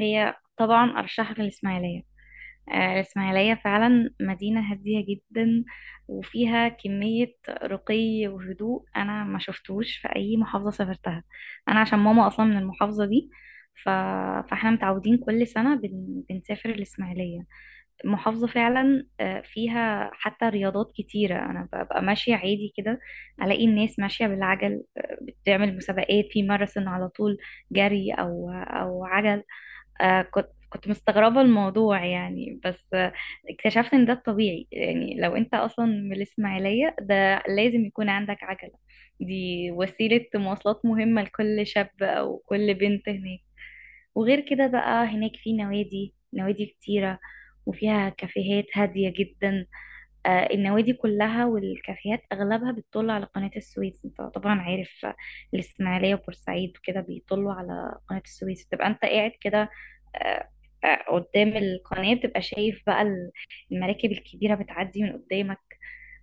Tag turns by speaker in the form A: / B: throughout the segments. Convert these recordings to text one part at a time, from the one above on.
A: هي طبعا أرشحك الإسماعيلية. الإسماعيلية فعلا مدينة هادية جدا، وفيها كمية رقي وهدوء أنا ما شفتوش في أي محافظة سافرتها. أنا عشان ماما أصلا من المحافظة دي. ف... فاحنا متعودين كل سنة بنسافر الإسماعيلية. المحافظة فعلا فيها حتى رياضات كتيرة، أنا ببقى ماشية عادي كده ألاقي الناس ماشية بالعجل، بتعمل مسابقات في ماراثون على طول، جري أو عجل. كنت مستغربة الموضوع يعني، بس اكتشفت ان ده الطبيعي، يعني لو انت اصلا من الاسماعيلية ده لازم يكون عندك عجلة. دي وسيلة مواصلات مهمة لكل شاب او كل بنت هناك. وغير كده بقى هناك في نوادي كتيرة، وفيها كافيهات هادية جدا. النوادي كلها والكافيهات اغلبها بتطل على قناة السويس، انت طبعا عارف، الاسماعيلية وبورسعيد وكده بيطلوا على قناة السويس، بتبقى انت قاعد كده آه، قدام القناة، بتبقى شايف بقى المراكب الكبيرة بتعدي من قدامك.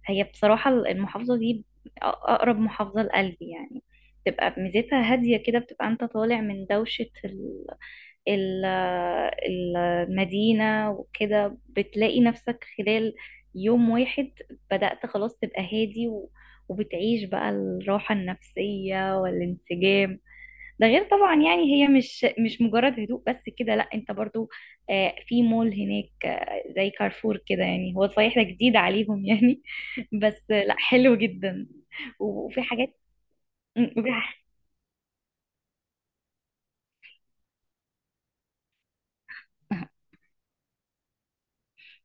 A: هي بصراحة المحافظة دي أقرب محافظة لقلبي يعني، بتبقى ميزتها هادية كده، بتبقى أنت طالع من دوشة ال- المدينة، وكده بتلاقي نفسك خلال يوم واحد بدأت خلاص تبقى هادي وبتعيش بقى الراحة النفسية والانسجام. ده غير طبعا يعني هي مش مجرد هدوء بس كده، لا انت برضو في مول هناك زي كارفور كده، يعني هو صحيح ده جديد عليهم يعني بس لا حلو جدا. وفي حاجات وفي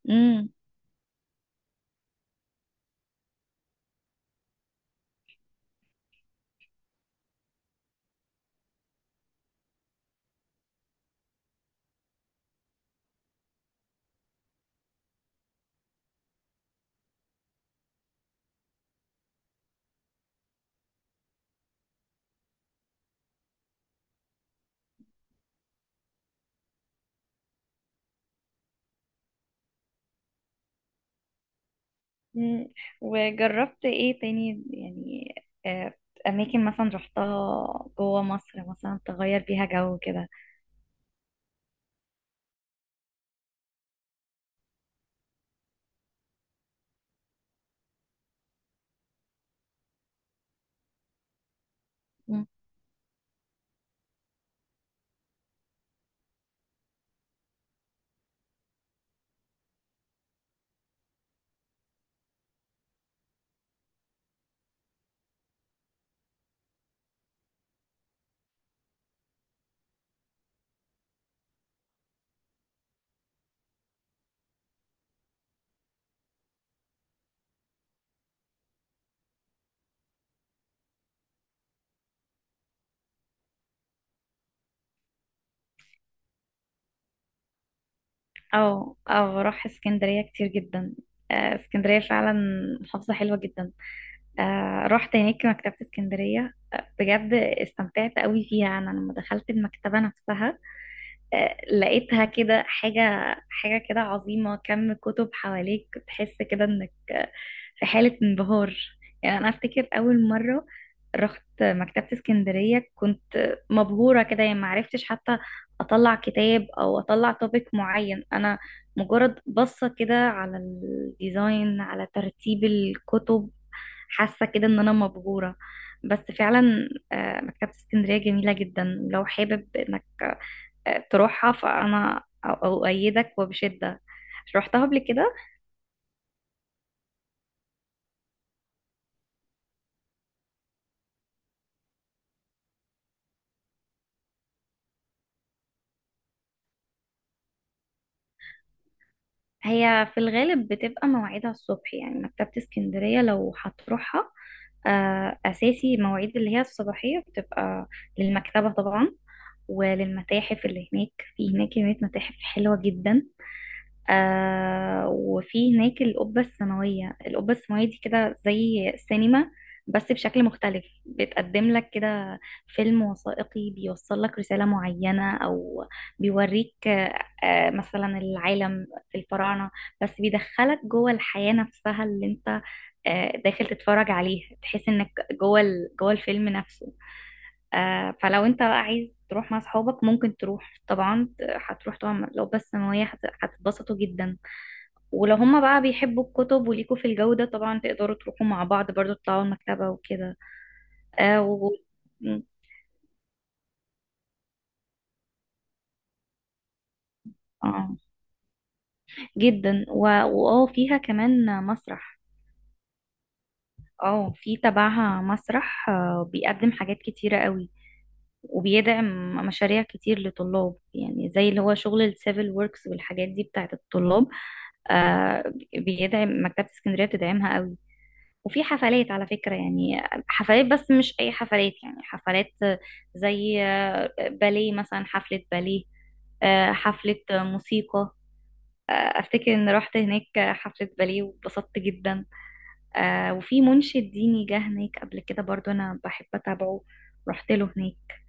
A: مم. مم. وجربت ايه تاني يعني؟ آه، اماكن مثلا رحتها جوه مصر، مثلا تغير بيها جو كده؟ مم. او بروح اسكندرية كتير جدا. اسكندرية فعلا محافظة حلوة جدا. رحت هناك مكتبة اسكندرية، بجد استمتعت قوي فيها. انا لما دخلت المكتبة نفسها لقيتها كده حاجة، حاجة كده عظيمة، كم كتب حواليك تحس كده انك في حالة انبهار. يعني انا افتكر اول مرة رحت مكتبة اسكندرية كنت مبهورة كده، يعني معرفتش حتى اطلع كتاب او اطلع توبيك معين. انا مجرد بصة كده على الديزاين، على ترتيب الكتب، حاسة كده ان انا مبهورة. بس فعلا مكتبة اسكندرية جميلة جدا، لو حابب انك تروحها فأنا أؤيدك وبشدة. روحتها قبل كده؟ هي في الغالب بتبقى مواعيدها الصبح، يعني مكتبة اسكندرية لو هتروحها أساسي مواعيد اللي هي الصباحية، بتبقى للمكتبة طبعا وللمتاحف اللي هناك. في هناك كمية متاحف حلوة جدا. وفي هناك القبة السماوية. القبة السماوية دي كده زي سينما بس بشكل مختلف، بتقدم لك كده فيلم وثائقي بيوصل لك رسالة معينة، أو بيوريك مثلا العالم الفراعنة، بس بيدخلك جوه الحياة نفسها اللي انت داخل تتفرج عليها، تحس انك جوه الفيلم نفسه. فلو انت بقى عايز تروح مع اصحابك ممكن تروح طبعا، هتروح طبعا. لو بس ثانوية هتتبسطوا جدا. ولو هما بقى بيحبوا الكتب وليكوا في الجو ده طبعا تقدروا تروحوا مع بعض برضو، تطلعوا المكتبة وكده. اه اه جدا واه فيها كمان مسرح. اه، في تبعها مسرح، بيقدم حاجات كتيرة قوي وبيدعم مشاريع كتير لطلاب، يعني زي اللي هو شغل السيفل ووركس والحاجات دي بتاعت الطلاب، آه بيدعم مكتبة اسكندرية، بتدعمها قوي. وفي حفلات على فكرة يعني، حفلات بس مش أي حفلات، يعني حفلات زي باليه مثلا، حفلة باليه، حفلة موسيقى. أفتكر إن رحت هناك حفلة باليه واتبسطت جدا. وفي منشد ديني جه هناك قبل كده برضو، أنا بحب أتابعه رحت له هناك.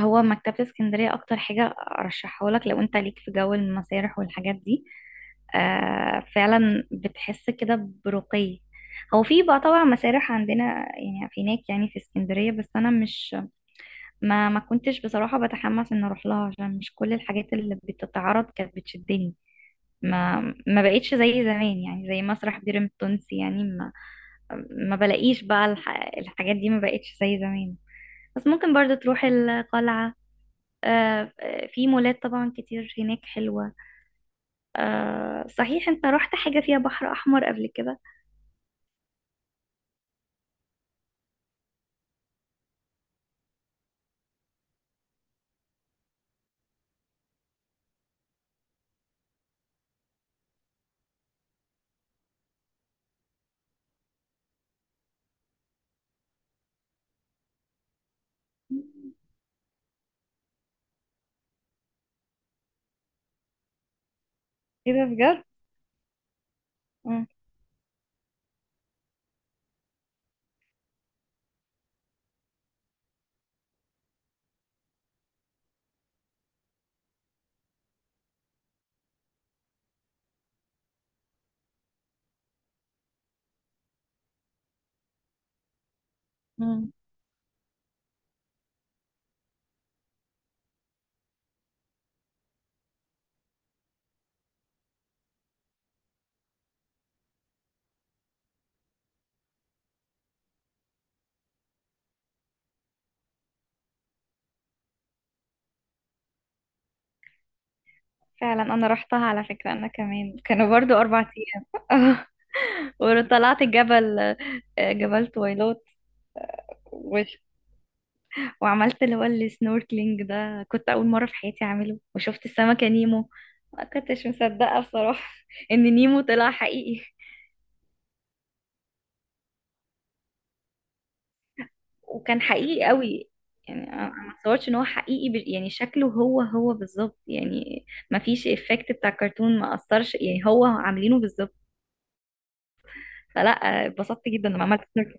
A: هو مكتبة اسكندرية أكتر حاجة أرشحه لك لو أنت ليك في جو المسارح والحاجات دي. فعلا بتحس كده برقي. هو في بقى طبعا مسارح عندنا يعني، في هناك يعني في اسكندرية، بس أنا مش ما ما كنتش بصراحة بتحمس إن أروح لها عشان مش كل الحاجات اللي بتتعرض كانت بتشدني. ما ما بقتش زي زمان، يعني زي مسرح بيرم التونسي، يعني ما بلاقيش بقى الحاجات دي، ما بقتش زي زمان. بس ممكن برضو تروح القلعة. آه، في مولات طبعا كتير هناك حلوة. صحيح انت رحت حاجة فيها بحر أحمر قبل كده؟ ايه ده بجد؟ مم. مم. فعلا انا رحتها، على فكرة انا كمان كانوا برضو 4 ايام وطلعت جبل، جبل تويلات، وش وعملت اللي هو السنوركلينج ده، كنت أول مرة في حياتي أعمله، وشفت السمكة نيمو. ما كنتش مصدقة بصراحة إن نيمو طلع حقيقي. وكان حقيقي قوي، يعني أنا ما اتصورش ان هو حقيقي، يعني شكله هو هو بالظبط يعني، ما فيش افكت بتاع الكرتون، ما اثرش، يعني هو عاملينه بالظبط. فلا اتبسطت جدا لما عملت سيركل.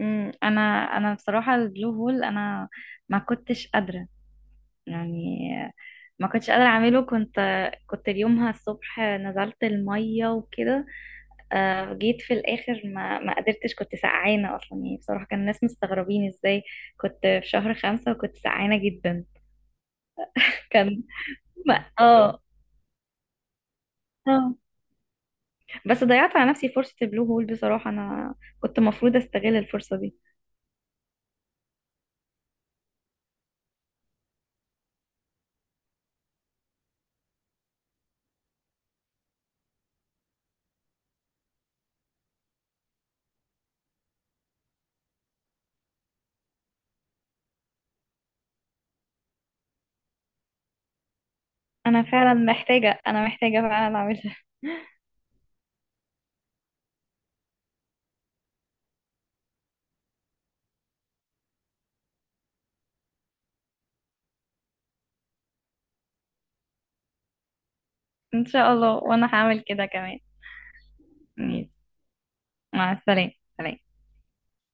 A: امم انا انا بصراحه البلو هول، انا ما كنتش قادره يعني ما كنتش قادره اعمله، كنت يومها الصبح نزلت الميه وكده جيت في الاخر ما قدرتش، كنت سقعانه اصلا يعني، بصراحه كان الناس مستغربين ازاي كنت في شهر 5 وكنت سقعانه جدا. كان ما اه بس ضيعت على نفسي فرصة البلو هول بصراحة، انا كنت مفروض استغل الفرصة دي. انا فعلا محتاجة، انا محتاجة فعلا اعملها. ان شاء الله، وانا هعمل كده كمان. ميس. مع السلامة. سلام.